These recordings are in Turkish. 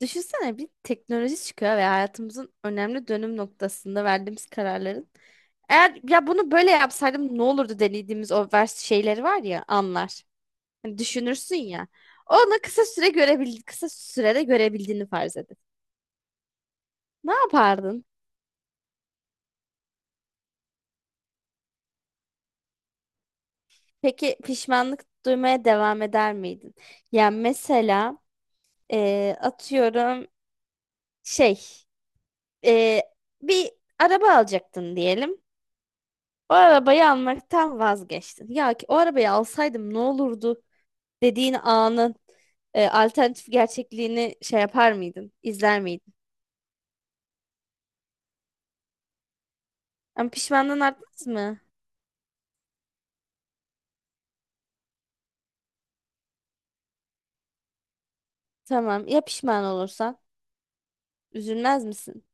Düşünsene bir teknoloji çıkıyor ve hayatımızın önemli dönüm noktasında verdiğimiz kararların. Eğer ya bunu böyle yapsaydım ne olurdu dediğimiz o vers şeyleri var ya anlar. Hani düşünürsün ya. Onu kısa süre görebil kısa sürede görebildiğini farz edin. Ne yapardın? Peki pişmanlık duymaya devam eder miydin? Yani mesela atıyorum şey eee, bir araba alacaktın diyelim. O arabayı almaktan vazgeçtin. Ya ki o arabayı alsaydım ne olurdu dediğin anın alternatif gerçekliğini şey yapar mıydın? İzler miydin? Ama pişmanlığın artmaz mı? Tamam. Ya pişman olursan? Üzülmez misin?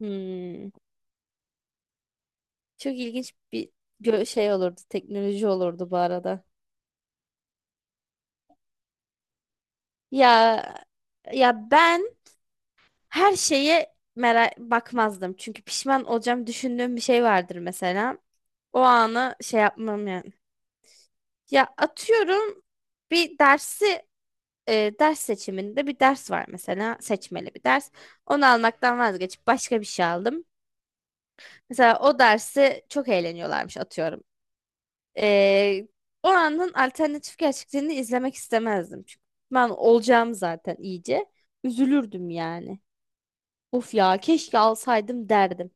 Hmm. Çok ilginç bir şey olurdu. Teknoloji olurdu bu arada. Ya ya ben her şeye merak bakmazdım. Çünkü pişman olacağım düşündüğüm bir şey vardır mesela. O anı şey yapmam yani. Ya atıyorum bir dersi ders seçiminde bir ders var mesela seçmeli bir ders. Onu almaktan vazgeçip başka bir şey aldım. Mesela o dersi çok eğleniyorlarmış atıyorum. E, O anın alternatif gerçekliğini izlemek istemezdim. Çünkü ben olacağım zaten iyice. Üzülürdüm yani. Of ya keşke alsaydım derdim.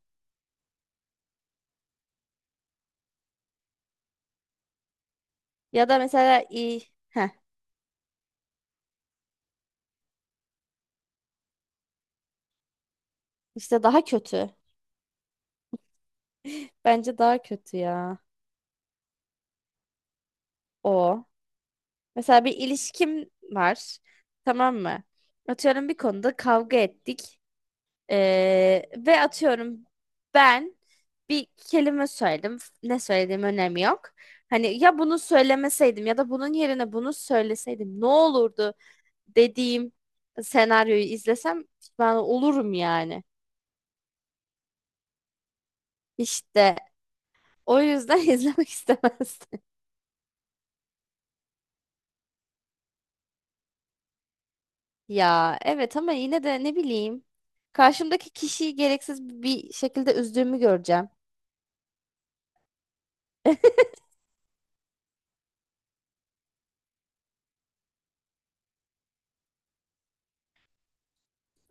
Ya da mesela iyi. İşte daha kötü. Bence daha kötü ya. O. Mesela bir ilişkim var. Tamam mı? Atıyorum bir konuda kavga ettik. Ve atıyorum ben bir kelime söyledim. Ne söylediğim önemi yok. Hani ya bunu söylemeseydim ya da bunun yerine bunu söyleseydim ne olurdu dediğim senaryoyu izlesem ben olurum yani. İşte o yüzden izlemek istemezdim. Ya evet ama yine de ne bileyim. Karşımdaki kişiyi gereksiz bir şekilde üzdüğümü göreceğim.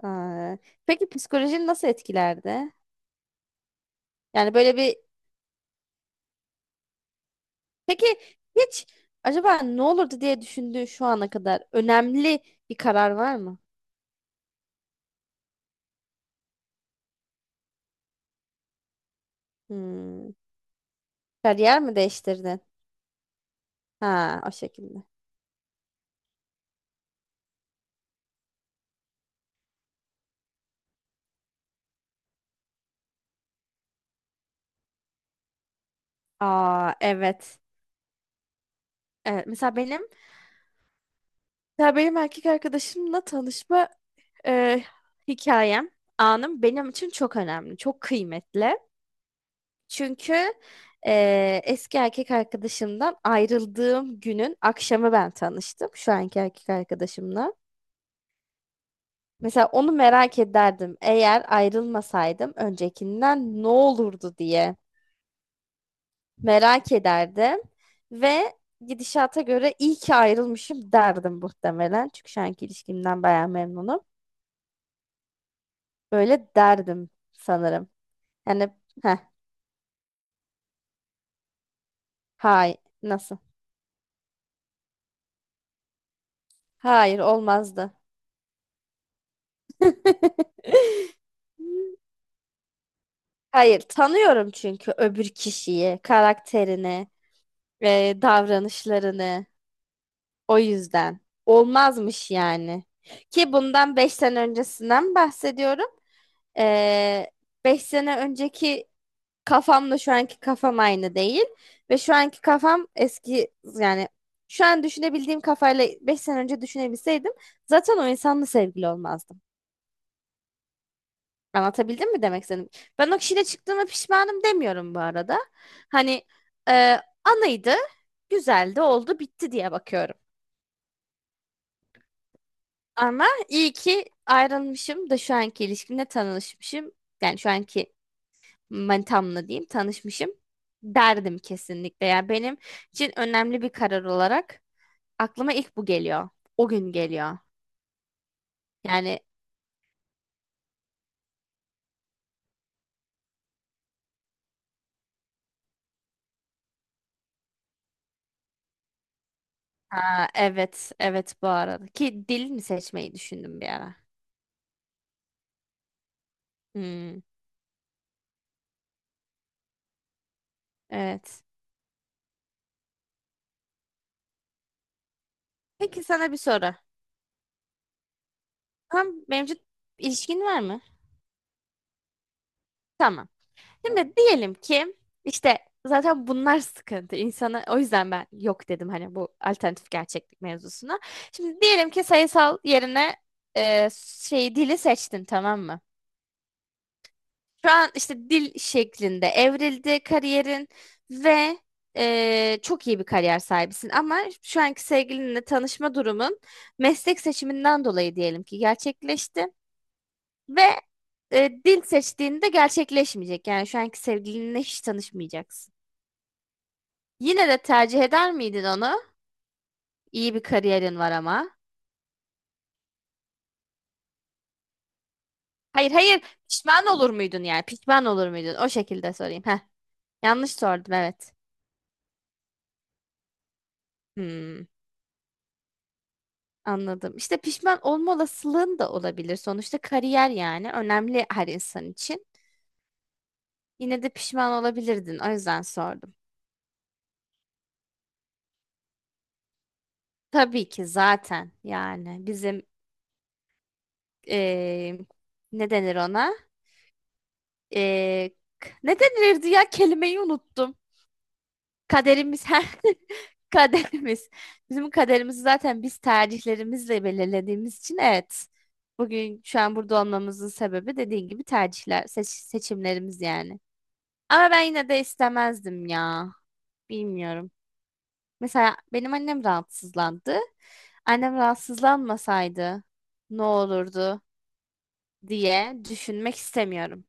Aa, peki psikolojini nasıl etkilerdi? Yani böyle bir peki hiç acaba ne olurdu diye düşündüğün şu ana kadar önemli bir karar var mı? Hmm. Kariyer mi değiştirdin? Ha, o şekilde. Aa, evet. Evet, mesela benim erkek arkadaşımla tanışma e, hikayem, anım benim için çok önemli, çok kıymetli. Çünkü eski erkek arkadaşımdan ayrıldığım günün akşamı ben tanıştım şu anki erkek arkadaşımla. Mesela onu merak ederdim. Eğer ayrılmasaydım öncekinden ne olurdu diye merak ederdim ve gidişata göre iyi ki ayrılmışım derdim muhtemelen. Çünkü şu anki ilişkimden bayağı memnunum. Böyle derdim sanırım. Yani heh, hay nasıl? Hayır olmazdı. Hayır, tanıyorum çünkü öbür kişiyi, karakterini, davranışlarını. O yüzden. Olmazmış yani. Ki bundan 5 sene öncesinden bahsediyorum. E, 5 sene önceki kafamla şu anki kafam aynı değil. Ve şu anki kafam eski yani şu an düşünebildiğim kafayla 5 sene önce düşünebilseydim zaten o insanla sevgili olmazdım. Anlatabildim mi demek istedim? Ben o kişiyle çıktığıma pişmanım demiyorum bu arada. Hani anıydı, güzeldi, oldu, bitti diye bakıyorum. Ama iyi ki ayrılmışım da şu anki ilişkimle tanışmışım. Yani şu anki manitamla diyeyim tanışmışım derdim kesinlikle. Yani benim için önemli bir karar olarak aklıma ilk bu geliyor. O gün geliyor. Yani aa, evet, evet bu arada. Ki dil mi seçmeyi düşündüm bir ara. Hmm, evet. Peki sana bir soru. Tam mevcut ilişkin var mı? Tamam. Şimdi diyelim ki işte zaten bunlar sıkıntı. İnsana o yüzden ben yok dedim hani bu alternatif gerçeklik mevzusuna. Şimdi diyelim ki sayısal yerine e, şey dili seçtin tamam mı? Şu an işte dil şeklinde evrildi kariyerin ve çok iyi bir kariyer sahibisin ama şu anki sevgilinle tanışma durumun meslek seçiminden dolayı diyelim ki gerçekleşti. Ve dil seçtiğinde gerçekleşmeyecek. Yani şu anki sevgilinle hiç tanışmayacaksın. Yine de tercih eder miydin onu? İyi bir kariyerin var ama. Hayır hayır, pişman olur muydun yani? Pişman olur muydun? O şekilde sorayım. Yanlış sordum evet. Hmm, anladım. İşte pişman olma olasılığın da olabilir. Sonuçta kariyer yani önemli her insan için. Yine de pişman olabilirdin. O yüzden sordum. Tabii ki zaten yani bizim eee, ne denir ona? Ee, ne denilirdi ya kelimeyi unuttum. Kaderimiz kaderimiz. Bizim kaderimizi zaten biz tercihlerimizle belirlediğimiz için evet. Bugün şu an burada olmamızın sebebi dediğin gibi tercihler, seçimlerimiz yani. Ama ben yine de istemezdim ya. Bilmiyorum. Mesela benim annem rahatsızlandı. Annem rahatsızlanmasaydı ne olurdu diye düşünmek istemiyorum.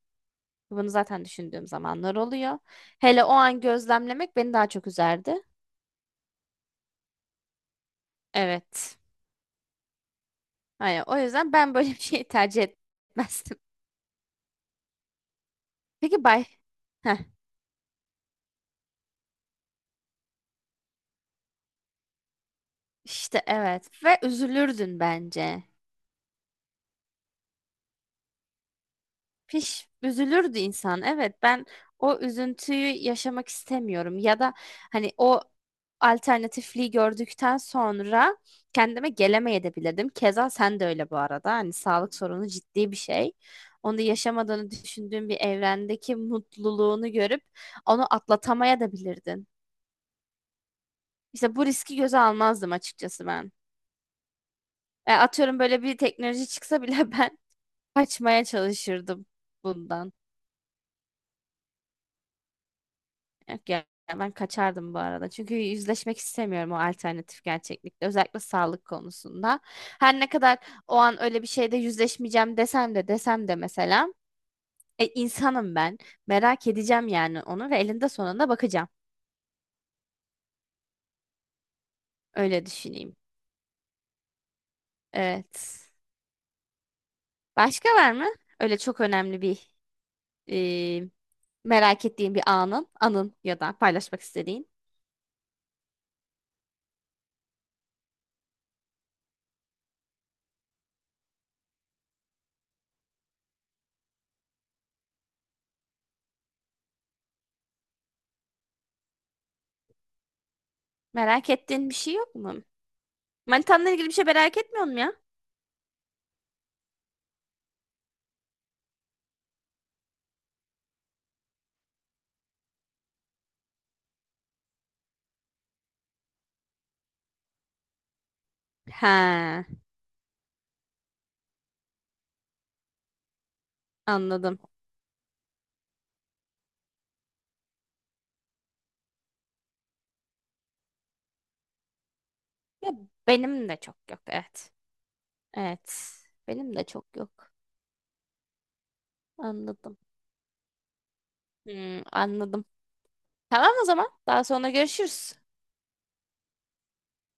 Bunu zaten düşündüğüm zamanlar oluyor. Hele o an gözlemlemek beni daha çok üzerdi. Evet. Hani o yüzden ben böyle bir şeyi tercih etmezdim. Peki bay. Heh, işte evet. Ve üzülürdün bence. Üzülürdü insan. Evet ben o üzüntüyü yaşamak istemiyorum ya da hani o alternatifliği gördükten sonra kendime gelemeyebilirdim. Keza sen de öyle bu arada. Hani sağlık sorunu ciddi bir şey. Onu da yaşamadığını düşündüğün bir evrendeki mutluluğunu görüp onu atlatamaya da bilirdin. İşte bu riski göze almazdım açıkçası ben. Atıyorum böyle bir teknoloji çıksa bile ben kaçmaya çalışırdım bundan. Yok ya ben kaçardım bu arada. Çünkü yüzleşmek istemiyorum o alternatif gerçeklikle. Özellikle sağlık konusunda. Her ne kadar o an öyle bir şeyde yüzleşmeyeceğim desem de mesela. İnsanım ben. Merak edeceğim yani onu ve elinde sonunda bakacağım. Öyle düşüneyim. Evet. Başka var mı? Öyle çok önemli bir e, merak ettiğin anın ya da paylaşmak istediğin. Merak ettiğin bir şey yok mu? Manitanla ilgili bir şey merak etmiyor musun ya? He, anladım. Ya benim de çok yok evet. Evet. Benim de çok yok. Anladım. Hmm, anladım. Tamam o zaman. Daha sonra görüşürüz.